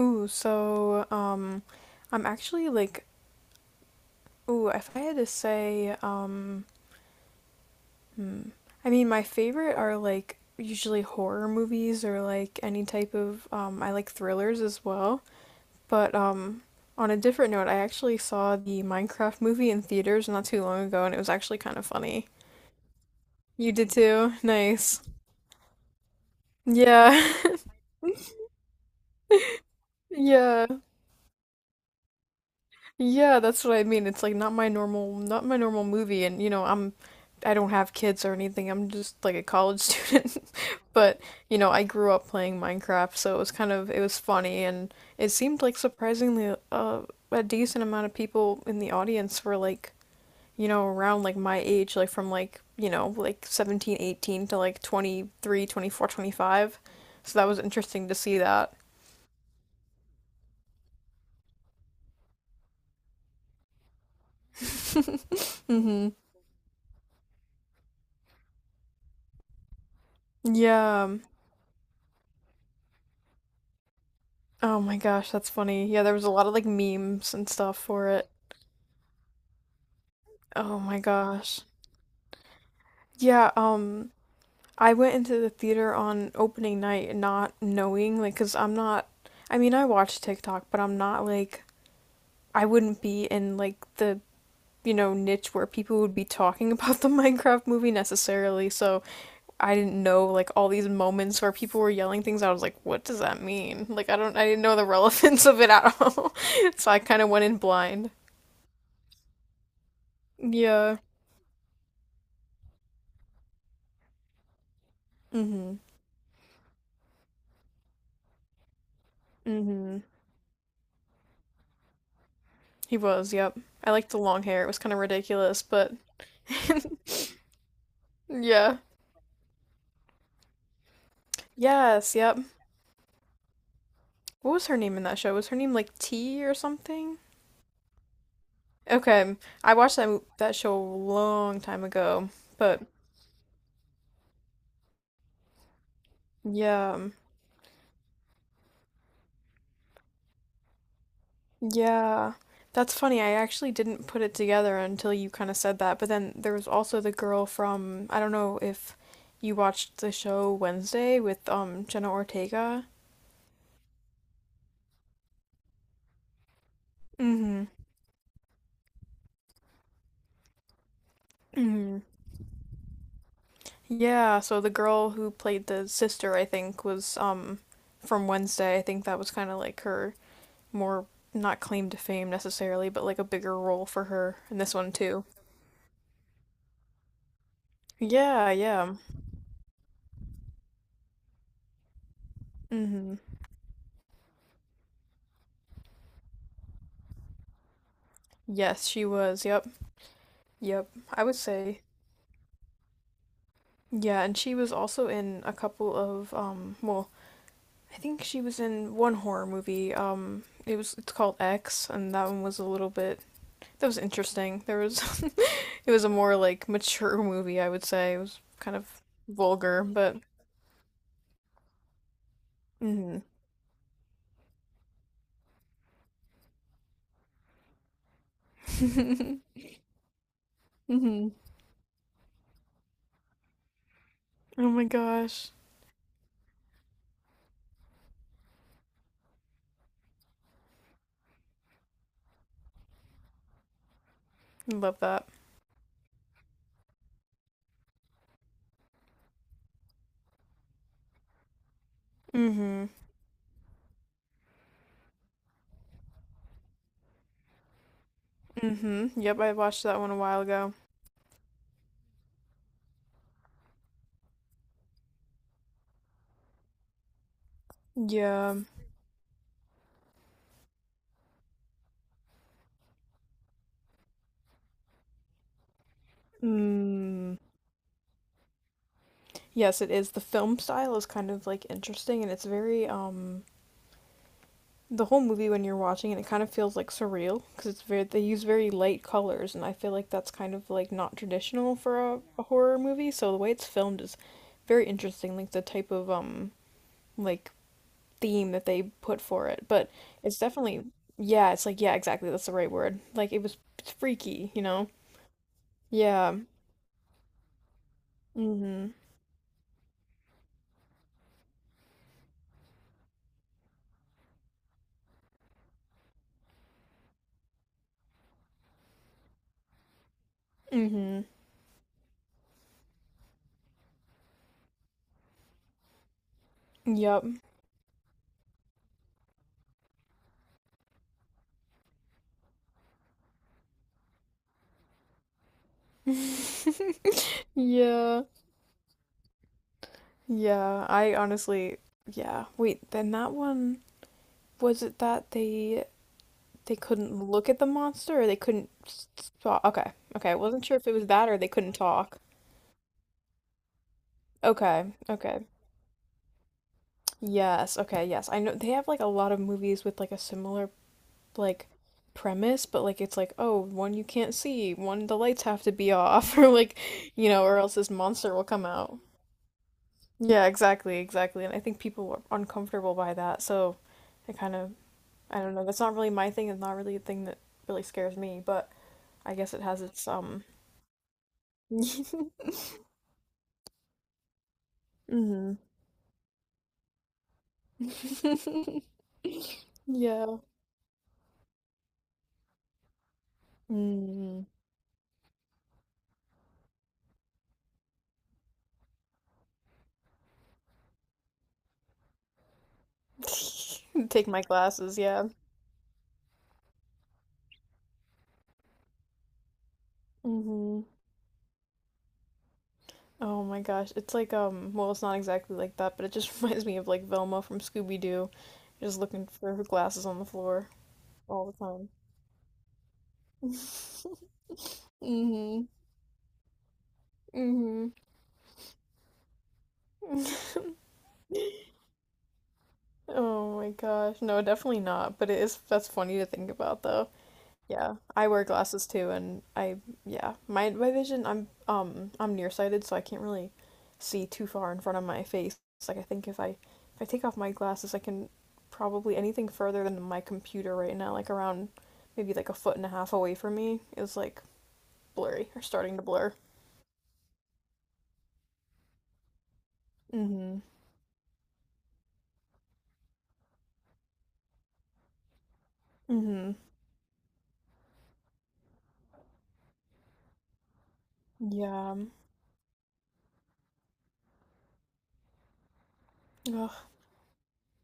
Ooh, I'm actually like, if I had to say, hmm, my favorite are usually horror movies or like any type of I like thrillers as well. But on a different note, I actually saw the Minecraft movie in theaters not too long ago, and it was actually kind of funny. You did too? Nice. Yeah. Yeah. Yeah, that's what I mean. It's like not my normal movie, and I don't have kids or anything. I'm just like a college student, but you know, I grew up playing Minecraft, so it was funny, and it seemed like surprisingly, a decent amount of people in the audience were like, you know, around like my age, like from like 17, 18 to like 23, 24, 25. So that was interesting to see that. hmm Yeah. Oh my gosh, that's funny. Yeah, there was a lot of like memes and stuff for it. Oh my gosh. Yeah, I went into the theater on opening night not knowing because 'cause I'm not I mean, I watch TikTok, but I wouldn't be in the niche where people would be talking about the Minecraft movie necessarily. So, I didn't know like all these moments where people were yelling things. I was like, "What does that mean?" Like I didn't know the relevance of it at all. So, I kind of went in blind. Yeah. hmm hmm He was, yep. I liked the long hair. It was kind of ridiculous, but yeah. Yes, yep. What was her name in that show? Was her name like T or something? Okay. I watched that show a long time ago, but yeah. Yeah. That's funny. I actually didn't put it together until you kind of said that. But then there was also the girl from, I don't know if you watched the show Wednesday with Jenna Ortega. Mm-hmm. Yeah, so the girl who played the sister, I think, was from Wednesday. I think that was kind of like her more not claim to fame necessarily, but like a bigger role for her in this one too. Yeah, yeah. Mm-hmm. Yes, she was. Yep. Yep. I would say. Yeah, and she was also in a couple of I think she was in one horror movie. It's called X and that one was a little bit that was interesting. There was it was a more like mature movie, I would say. It was kind of vulgar, but hmm hmm Oh my gosh. I love that. Hmm hmm Yep, I watched that one a while ago. Yeah. Mm. Yes, it is. The film style is kind of like interesting and it's very the whole movie when you're watching it, it kind of feels like surreal because it's very they use very light colors, and I feel like that's kind of like not traditional for a horror movie. So the way it's filmed is very interesting, like the type of like theme that they put for it. But it's definitely yeah, it's like yeah, exactly, that's the right word. Like it's freaky, you know? Yeah. hmm hmm Yep. Yeah. Yeah. I honestly yeah. Wait, then that one was it that they couldn't look at the monster or they couldn't talk? Okay. Okay. I wasn't sure if it was that or they couldn't talk. Okay. Okay. Yes. Okay. Yes. I know they have like a lot of movies with like a similar like premise, but like it's like, oh, one you can't see, one the lights have to be off or like, you know, or else this monster will come out. Yeah, exactly, exactly. And I think people were uncomfortable by that, so I kind of I don't know. That's not really my thing. It's not really a thing that really scares me, but I guess it has its. hmm yeah. Mm. Take my glasses. Yeah. hmm Oh my gosh, it's like. Well, it's not exactly like that, but it just reminds me of like Velma from Scooby Doo, just looking for her glasses on the floor all the time. hmm hmm oh my gosh. No, definitely not. But it is. That's funny to think about, though. Yeah, I wear glasses too, and I yeah, my vision I'm nearsighted, so I can't really see too far in front of my face. It's like I think if I take off my glasses, I can probably anything further than my computer right now, like around maybe like a foot and a half away from me, is like blurry or starting to blur. Mm-hmm. Mm-hmm. Yeah. Ugh.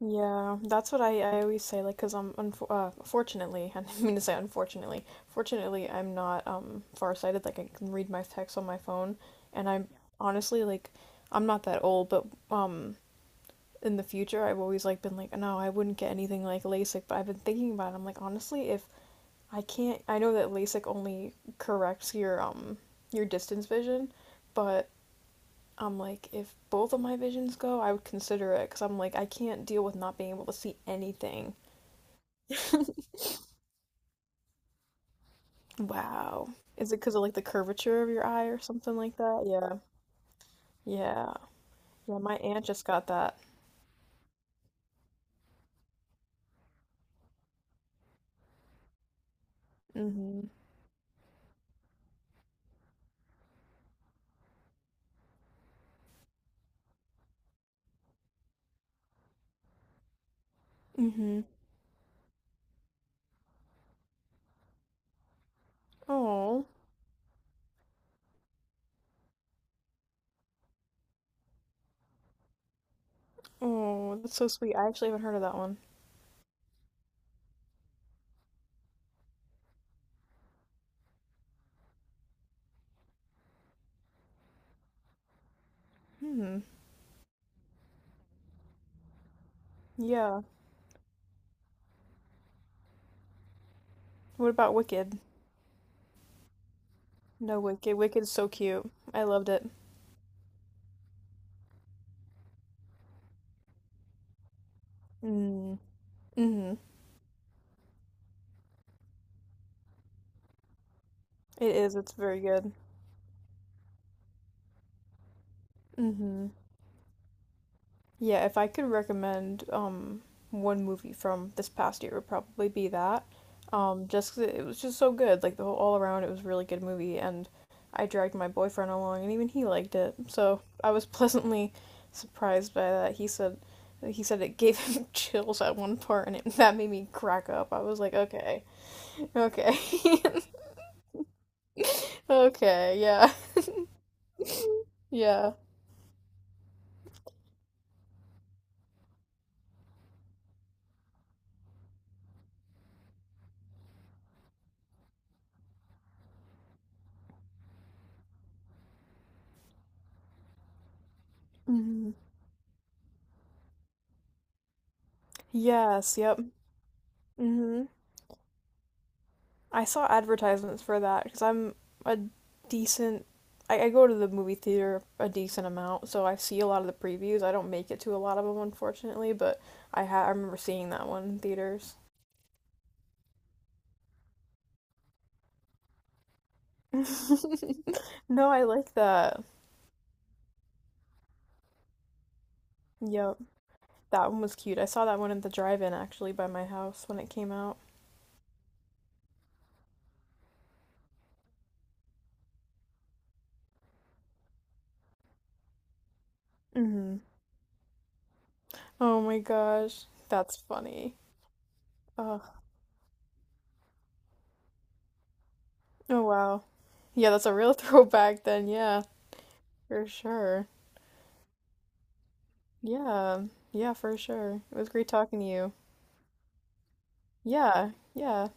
Yeah, that's what I always say, like, because I'm unfor fortunately, I didn't mean to say unfortunately, fortunately, I'm not farsighted. Like, I can read my text on my phone, and honestly like, I'm not that old, but in the future, I've always like been like, no, I wouldn't get anything like LASIK, but I've been thinking about it. I'm like, honestly, if I can't, I know that LASIK only corrects your distance vision, but I'm like, if both of my visions go, I would consider it because I'm like, I can't deal with not being able to see anything. Wow. Is it because of like the curvature of your eye or something like that? Yeah. Yeah. Yeah, my aunt just got that. Mm-hmm. Mm-hmm. Oh. Oh, that's so sweet. I actually haven't heard of that one. Hmm. Yeah. What about Wicked? No, Wicked. Wicked's so cute. I loved it. Mm. Mm-hmm. It is. It's very good. Mm-hmm. Yeah, if I could recommend one movie from this past year, it would probably be that. Just 'cause it was just so good. Like the whole all around, it was a really good movie, and I dragged my boyfriend along, and even he liked it. So I was pleasantly surprised by that. He said it gave him chills at one part, and that made me crack up. I was like, okay, okay, okay, yeah, yeah. hmm Yes, yep. hmm I saw advertisements for that because I'm a decent. I go to the movie theater a decent amount, so I see a lot of the previews. I don't make it to a lot of them, unfortunately, but I remember seeing that one in theaters. No, I like that. Yep, that one was cute. I saw that one at the drive-in actually by my house when it came out. Hmm Oh my gosh, that's funny. Oh, oh wow. Yeah, that's a real throwback then. Yeah, for sure. Yeah, yeah, for sure. It was great talking to you. Yeah, yeah.